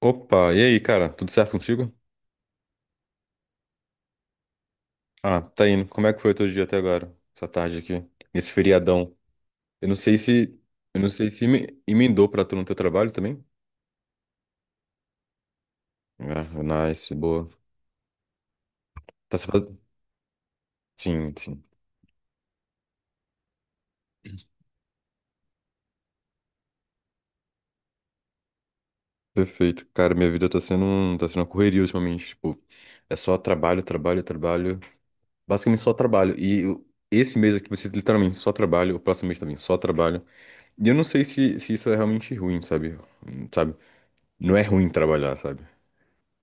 Opa, e aí, cara? Tudo certo contigo? Ah, tá indo. Como é que foi o teu dia até agora? Essa tarde aqui, nesse feriadão. Eu não sei se, eu não sei se emendou pra tu no teu trabalho também. Ah, nice, boa. Tá, se faz... Sim, sim. Perfeito. Cara, minha vida tá sendo, tá sendo uma correria ultimamente, tipo, é só trabalho, trabalho, trabalho. Basicamente só trabalho. Esse mês aqui vai ser literalmente só trabalho, o próximo mês também só trabalho. E eu não sei se, isso é realmente ruim, sabe? Sabe? Não é ruim trabalhar, sabe?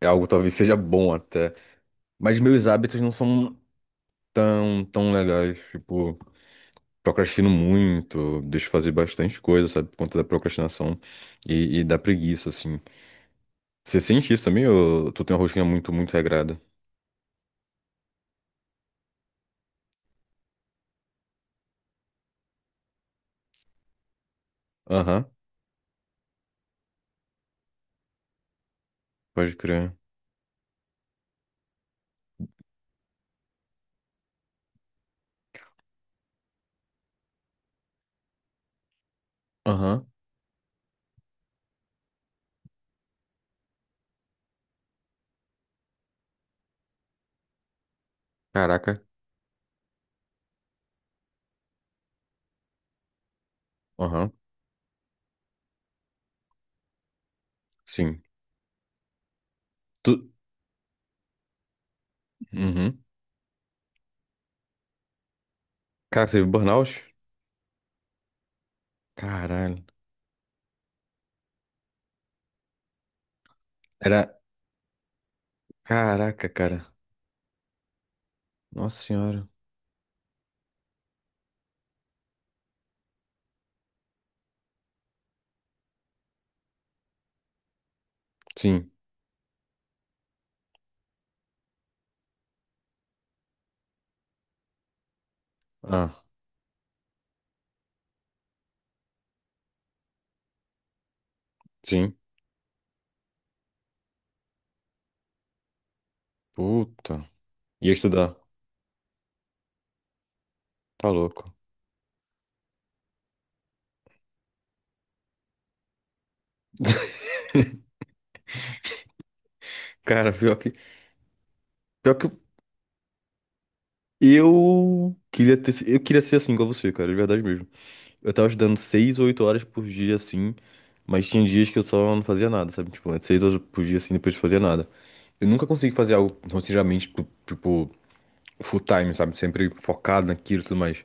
É algo que talvez seja bom até. Mas meus hábitos não são tão legais. Tipo, procrastino muito, deixo fazer bastante coisa, sabe? Por conta da procrastinação e da preguiça, assim. Você sente isso também ou tu tem uma rotina muito, muito regrada? Aham, pode crer. Aham, caraca. Aham, sim. Tu... Uhum. Cara, você viu burnout? Caralho. Era... Caraca, cara. Nossa senhora. Sim. Ah, sim. Puta. Ia estudar. Tá louco. Cara, pior que eu queria ter, eu queria ser assim igual você, cara, de verdade mesmo. Eu tava estudando 6 ou 8 horas por dia, assim, mas tinha dias que eu só não fazia nada, sabe? Tipo, é 6 horas por dia, assim, depois não fazia nada. Eu nunca consegui fazer algo sinceramente, tipo, full time, sabe? Sempre focado naquilo e tudo mais.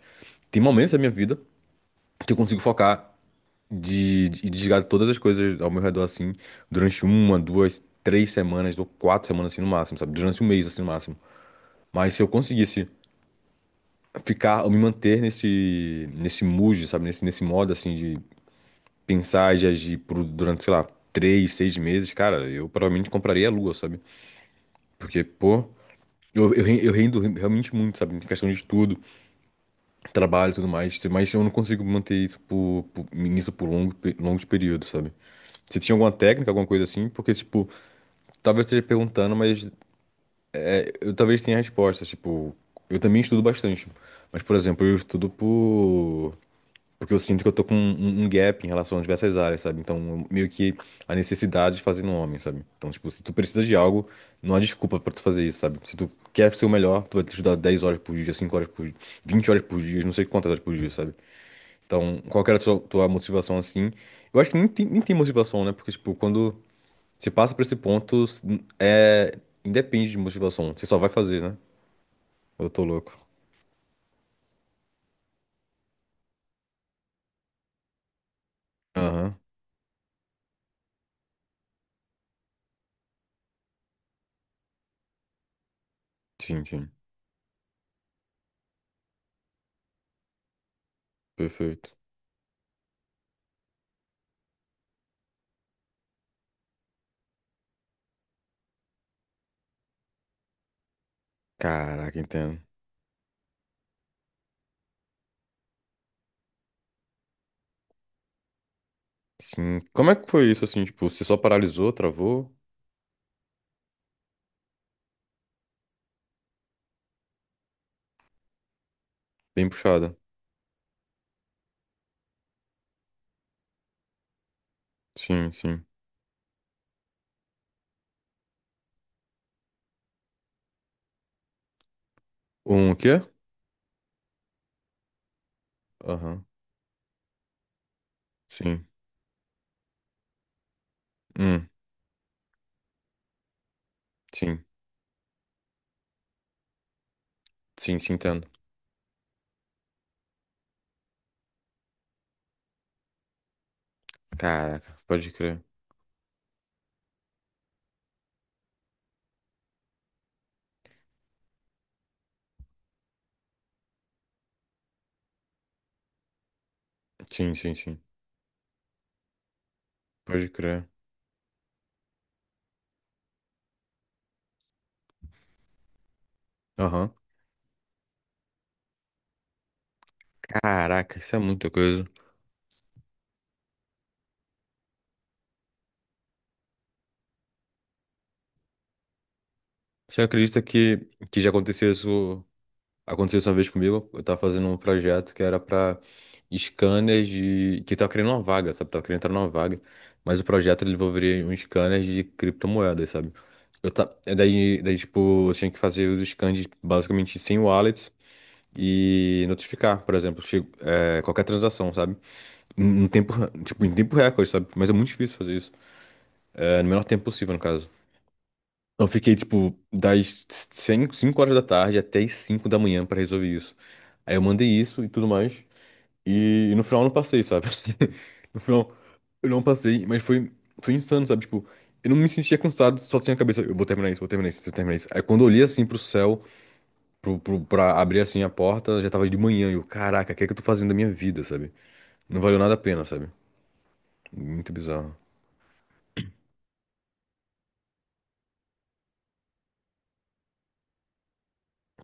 Tem momentos da minha vida que eu consigo focar e desligar todas as coisas ao meu redor, assim, durante 1, 2, 3 semanas ou 4 semanas, assim, no máximo, sabe? Durante um mês, assim, no máximo. Mas se eu conseguisse ficar, ou me manter nesse mood, sabe? Nesse modo, assim, de pensar e de agir durante, sei lá, 3, 6 meses, cara, eu provavelmente compraria a Lua, sabe? Porque, pô, eu rendo realmente muito, sabe? Em questão de estudo, trabalho e tudo mais, mas eu não consigo manter isso nisso por longos períodos, sabe? Você tinha alguma técnica, alguma coisa assim? Porque, tipo, talvez eu esteja perguntando, mas eu talvez tenha a resposta, tipo, eu também estudo bastante. Mas, por exemplo, eu estudo por porque eu sinto que eu tô com um gap em relação a diversas áreas, sabe? Então, meio que a necessidade de fazer no homem, sabe? Então, tipo, se tu precisa de algo, não há desculpa pra tu fazer isso, sabe? Se tu quer ser o melhor, tu vai estudar 10 horas por dia, 5 horas por dia, 20 horas por dia, não sei quantas horas por dia, sabe? Então, qual que era a tua motivação assim? Eu acho que nem tem motivação, né? Porque, tipo, quando você passa pra esse ponto, é... independe de motivação. Você só vai fazer, né? Eu tô louco. Aham. Sim, sim. Perfeito. Caraca, entendo. Sim. Como é que foi isso, assim? Tipo, você só paralisou, travou? Bem puxada. Sim, sim. Um, o quê? Aham. Sim. Hum, sim. Sim, sim, entendo. Caraca, pode crer. Sim, sim, sim. Pode crer. Aham. Caraca, isso é muita coisa. Você acredita que já aconteceu isso? Aconteceu isso uma vez comigo, eu tava fazendo um projeto que era pra scanners de... que tava criando uma vaga, sabe? Tava querendo entrar numa vaga, mas o projeto ele envolveria um scanner de criptomoedas, sabe? Eu ta... é daí, Daí, tipo, eu tinha que fazer os scans basicamente sem wallets e notificar, por exemplo, qualquer transação, sabe? Em tempo, tipo, em tempo recorde, sabe? Mas é muito difícil fazer isso. É, no menor tempo possível, no caso. Então, eu fiquei, tipo, das 5 5 horas da tarde até as 5 da manhã pra resolver isso. Aí eu mandei isso e tudo mais. E no final eu não passei, sabe? No final eu não passei, mas foi, foi insano, sabe? Tipo, eu não me sentia cansado, só tinha a cabeça. Eu vou terminar isso, vou terminar isso, vou terminar isso. Aí quando eu olhei assim pro céu, pra abrir assim a porta, já tava de manhã. E eu, caraca, o que é que eu tô fazendo da minha vida, sabe? Não valeu nada a pena, sabe? Muito bizarro.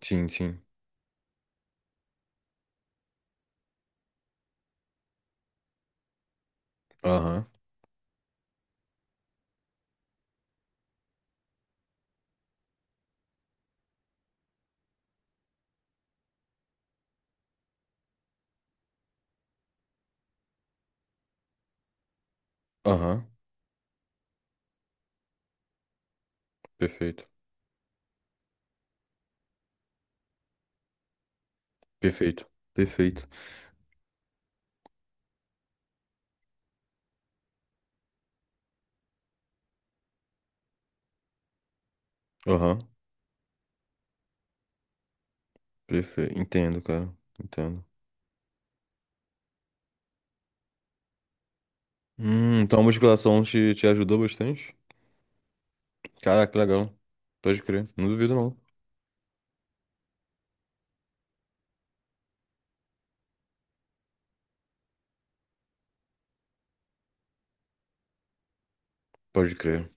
Sim, sim. Aham, aham. Perfeito, perfeito, perfeito. Aham. Perfeito. Entendo, cara. Entendo. Então a musculação te ajudou bastante? Caraca, que legal. Pode crer. Não duvido, não. Pode crer.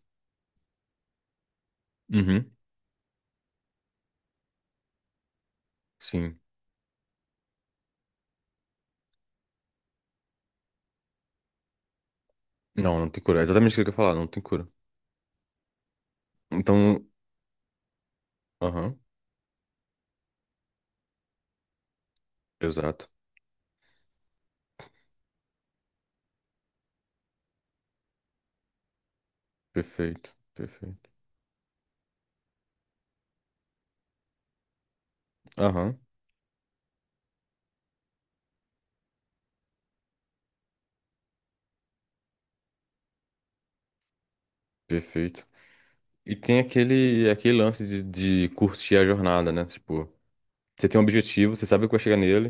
Uhum. Sim. Não, não tem cura. É exatamente o que eu ia falar, não tem cura. Então. Aham. Exato. Perfeito. Perfeito. Aham. Perfeito. E tem aquele, aquele lance de curtir a jornada, né? Tipo, você tem um objetivo, você sabe que vai chegar nele.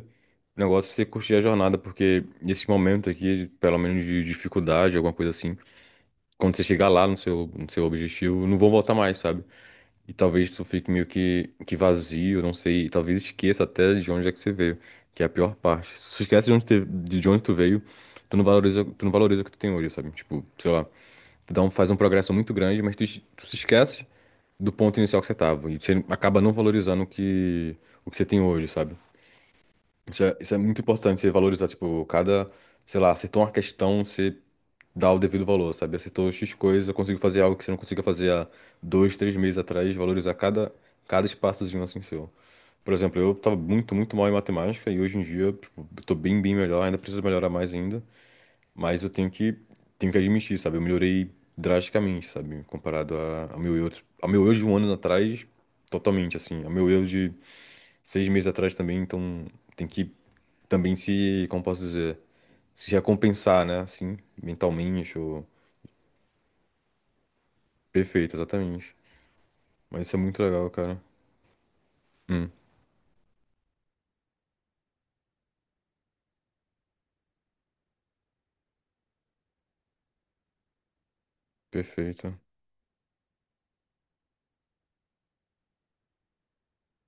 O negócio é você curtir a jornada, porque nesse momento aqui, pelo menos de dificuldade, alguma coisa assim, quando você chegar lá no seu objetivo, não vão voltar mais, sabe? E talvez isso fique meio que vazio, não sei, e talvez esqueça até de onde é que você veio, que é a pior parte. Se você esquece de onde tu veio, tu não valoriza o que tu tem hoje, sabe? Tipo, sei lá, faz um progresso muito grande, mas tu se esquece do ponto inicial que você tava, e você acaba não valorizando o que você tem hoje, sabe? Isso é muito importante, você valorizar, tipo, cada, sei lá, acertou uma questão, você dá o devido valor, sabe? Acertou X coisa, conseguiu fazer algo que você não conseguia fazer há 2, 3 meses atrás, valorizar cada espaçozinho assim seu. Por exemplo, eu tava muito, muito mal em matemática e hoje em dia, tipo, eu tô bem, bem melhor, ainda preciso melhorar mais ainda, mas eu tenho que admitir, sabe? Eu melhorei drasticamente, sabe? Comparado ao meu eu, de um ano atrás, totalmente, assim, ao meu eu 6 meses atrás também, então tem que também se, como posso dizer, se recompensar, né? Assim, mentalmente, ou... Perfeito, exatamente. Mas isso é muito legal, cara. Hum, perfeito,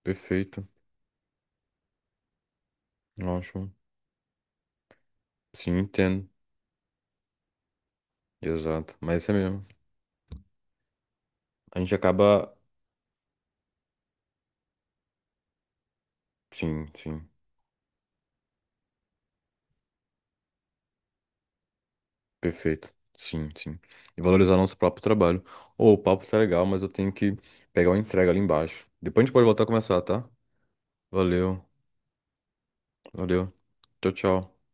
perfeito. Ótimo. Sim, entendo. Exato. Mas isso é mesmo. A gente acaba. Sim, sim. Perfeito. Sim, sim. E valorizar nosso próprio trabalho. Ô, o papo tá legal, mas eu tenho que pegar uma entrega ali embaixo. Depois a gente pode voltar a começar, tá? Valeu, valeu. Tchau, tchau.